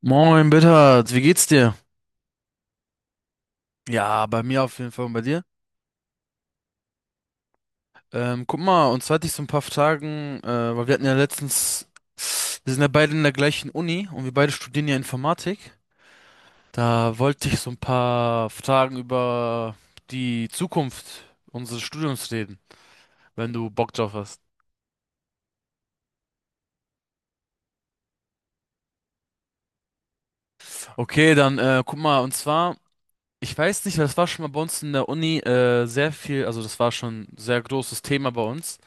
Moin, Bittert, wie geht's dir? Ja, bei mir auf jeden Fall und bei dir. Guck mal, und zwar hatte ich so ein paar Fragen, weil wir hatten ja letztens, wir sind ja beide in der gleichen Uni und wir beide studieren ja Informatik. Da wollte ich so ein paar Fragen über die Zukunft unseres Studiums reden, wenn du Bock drauf hast. Okay, dann guck mal, und zwar, ich weiß nicht, weil das war schon mal bei uns in der Uni sehr viel, also das war schon ein sehr großes Thema bei uns.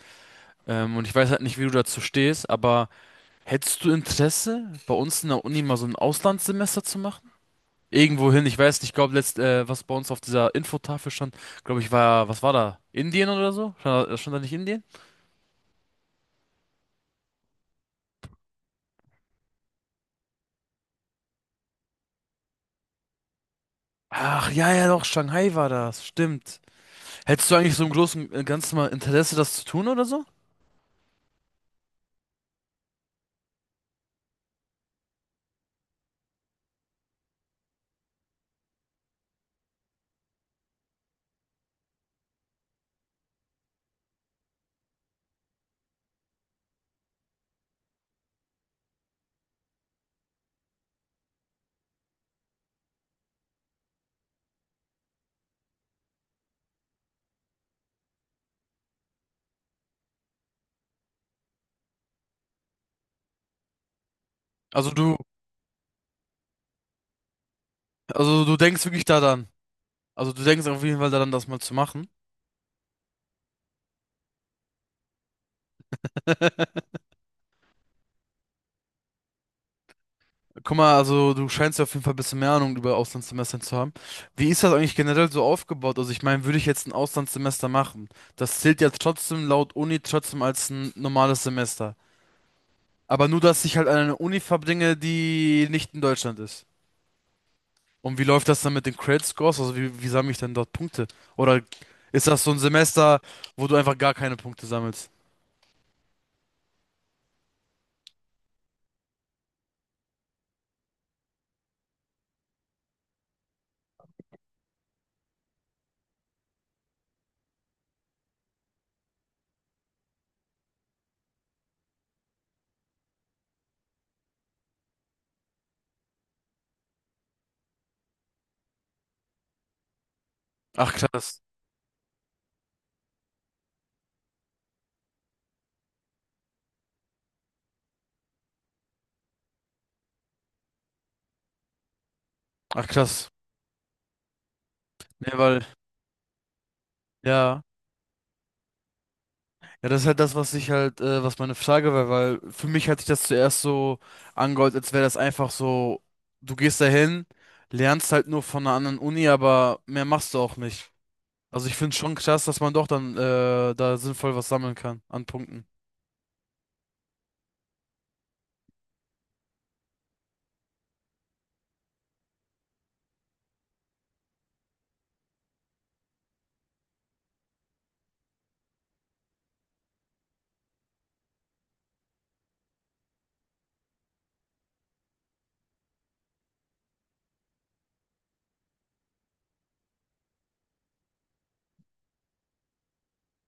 Und ich weiß halt nicht, wie du dazu stehst, aber hättest du Interesse, bei uns in der Uni mal so ein Auslandssemester zu machen? Irgendwohin, ich weiß nicht, ich glaube, was bei uns auf dieser Infotafel stand, glaube ich, war, was war da? Indien oder so? Stand da nicht Indien? Ach, ja, ja, doch, Shanghai war das, stimmt. Hättest du eigentlich so im Großen und Ganzen mal Interesse, das zu tun oder so? Also du, also du denkst wirklich daran. Also du denkst auf jeden Fall daran, das mal zu machen. Guck mal, also du scheinst ja auf jeden Fall ein bisschen mehr Ahnung über Auslandssemestern zu haben. Wie ist das eigentlich generell so aufgebaut? Also ich meine, würde ich jetzt ein Auslandssemester machen, das zählt ja trotzdem laut Uni trotzdem als ein normales Semester. Aber nur, dass ich halt an eine Uni verbringe, die nicht in Deutschland ist. Und wie läuft das dann mit den Credit Scores? Also wie sammle ich dann dort Punkte? Oder ist das so ein Semester, wo du einfach gar keine Punkte sammelst? Ach krass. Ach krass. Nee, weil, ja. Ja, das ist halt das, was ich halt, was meine Frage war, weil für mich hat sich das zuerst so angehört, als wäre das einfach so, du gehst dahin, lernst halt nur von einer anderen Uni, aber mehr machst du auch nicht. Also ich finde schon krass, dass man doch dann da sinnvoll was sammeln kann an Punkten.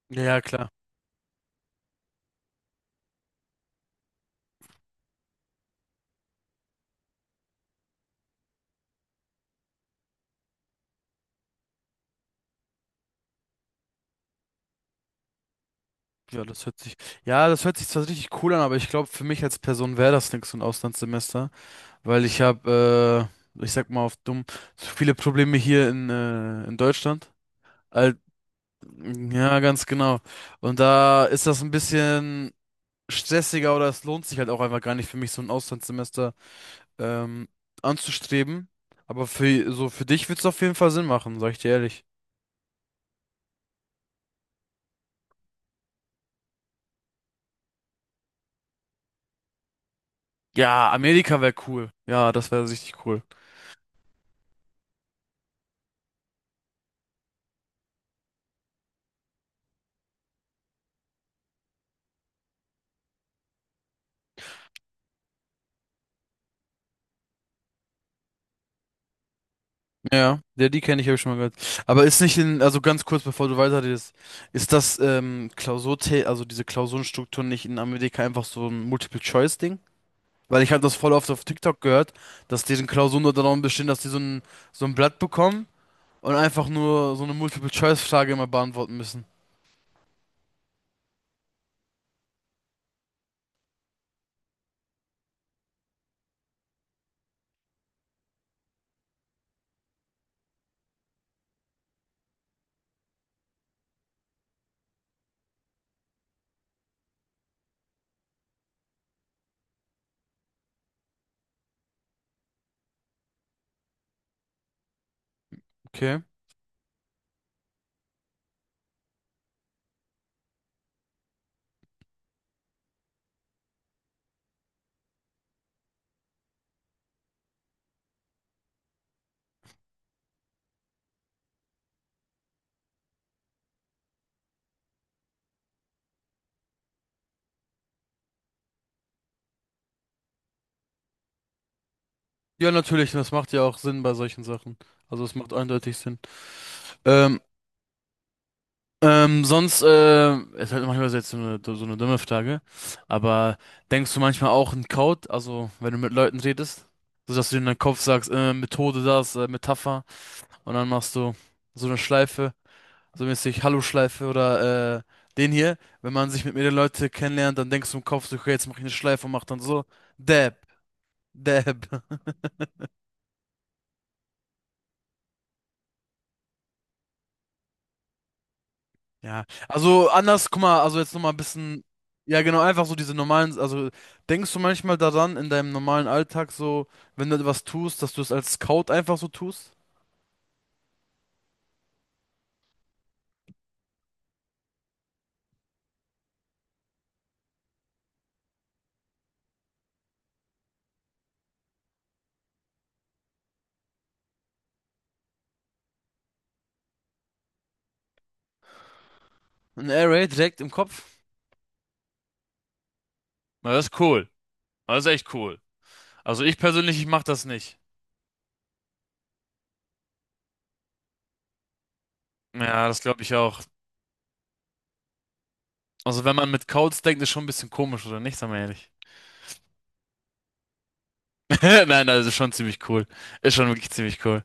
Ja, ja, klar. Ja, das hört sich, ja, das hört sich zwar richtig cool an, aber ich glaube, für mich als Person wäre das nichts, so ein Auslandssemester, weil ich sag mal auf dumm, zu viele Probleme hier in Deutschland. Ja, ganz genau. Und da ist das ein bisschen stressiger oder es lohnt sich halt auch einfach gar nicht für mich, so ein Auslandssemester ähm, anzustreben. Aber für so für dich wird's auf jeden Fall Sinn machen, sag ich dir ehrlich. Ja, Amerika wäre cool. Ja, das wäre richtig cool. Ja, der die kenne ich, habe ich schon mal gehört. Aber ist nicht in, also ganz kurz, bevor du weiterredest, ist das also diese Klausurenstruktur nicht in Amerika einfach so ein Multiple-Choice-Ding? Weil ich habe das voll oft auf TikTok gehört, dass deren Klausuren nur darum bestehen, dass so ein Blatt bekommen und einfach nur so eine Multiple-Choice-Frage immer beantworten müssen. Okay. Ja, natürlich, das macht ja auch Sinn bei solchen Sachen. Also es macht eindeutig Sinn. Ähm, sonst, ist halt manchmal jetzt so eine dumme Frage, aber denkst du manchmal auch in Code, also wenn du mit Leuten redest, so dass du in deinem Kopf sagst, Methode das, Metapher und dann machst du so eine Schleife, so mäßig Hallo-Schleife oder den hier. Wenn man sich mit mehreren Leuten kennenlernt, dann denkst du im Kopf so, okay, jetzt mach ich eine Schleife und mach dann so, Dab, Dab. Ja, also anders, guck mal, also jetzt nochmal ein bisschen, ja genau, einfach so diese normalen, also denkst du manchmal daran in deinem normalen Alltag so, wenn du etwas tust, dass du es als Scout einfach so tust? Ein Air Raid direkt im Kopf? Na, das ist cool. Das ist echt cool. Also ich persönlich, ich mach das nicht. Ja, das glaube ich auch. Also wenn man mit Codes denkt, ist schon ein bisschen komisch, oder nicht? Sag mal ehrlich. Nein, das ist schon ziemlich cool. Ist schon wirklich ziemlich cool.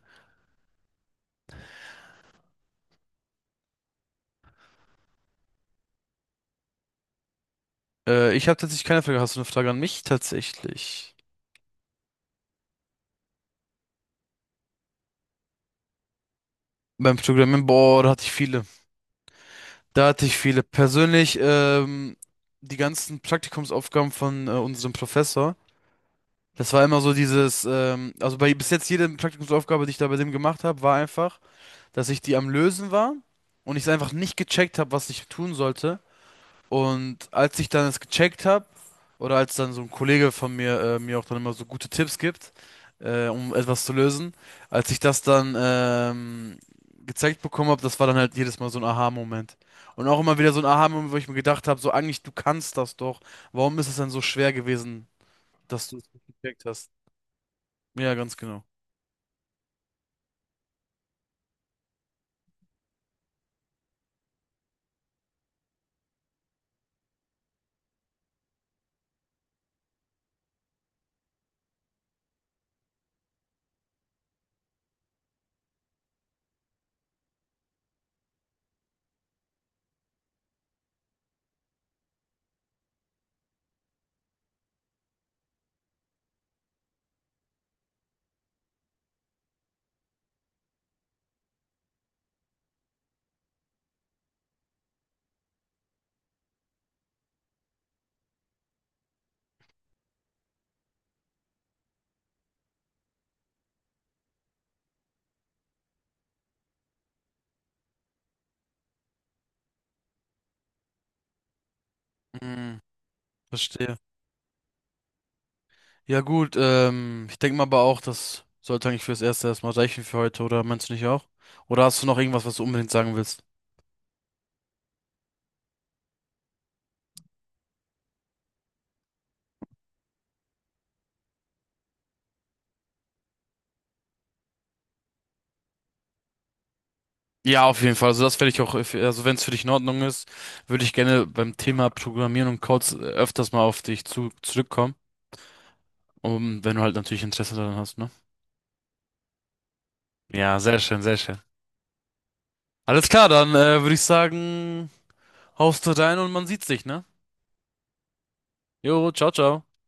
Ich habe tatsächlich keine Frage. Hast du eine Frage an mich tatsächlich? Beim Programmieren, boah, da hatte ich viele. Da hatte ich viele. Persönlich, die ganzen Praktikumsaufgaben von unserem Professor, das war immer so dieses, also bei bis jetzt jede Praktikumsaufgabe, die ich da bei dem gemacht habe, war einfach, dass ich die am Lösen war und ich es einfach nicht gecheckt habe, was ich tun sollte. Und als ich dann es gecheckt habe, oder als dann so ein Kollege von mir mir auch dann immer so gute Tipps gibt, um etwas zu lösen, als ich das dann gezeigt bekommen habe, das war dann halt jedes Mal so ein Aha-Moment. Und auch immer wieder so ein Aha-Moment, wo ich mir gedacht habe, so eigentlich, du kannst das doch. Warum ist es denn so schwer gewesen, dass du es nicht gecheckt hast? Ja, ganz genau. Mm, verstehe. Ja gut, ich denke mal aber auch, das sollte eigentlich fürs Erste erstmal reichen für heute, oder meinst du nicht auch? Oder hast du noch irgendwas, was du unbedingt sagen willst? Ja, auf jeden Fall. Also das werde ich auch, also wenn es für dich in Ordnung ist, würde ich gerne beim Thema Programmieren und Codes öfters mal zurückkommen. Und wenn du halt natürlich Interesse daran hast, ne? Ja, sehr schön, sehr schön. Alles klar, dann würde ich sagen, haust du rein und man sieht sich, ne? Jo, ciao, ciao.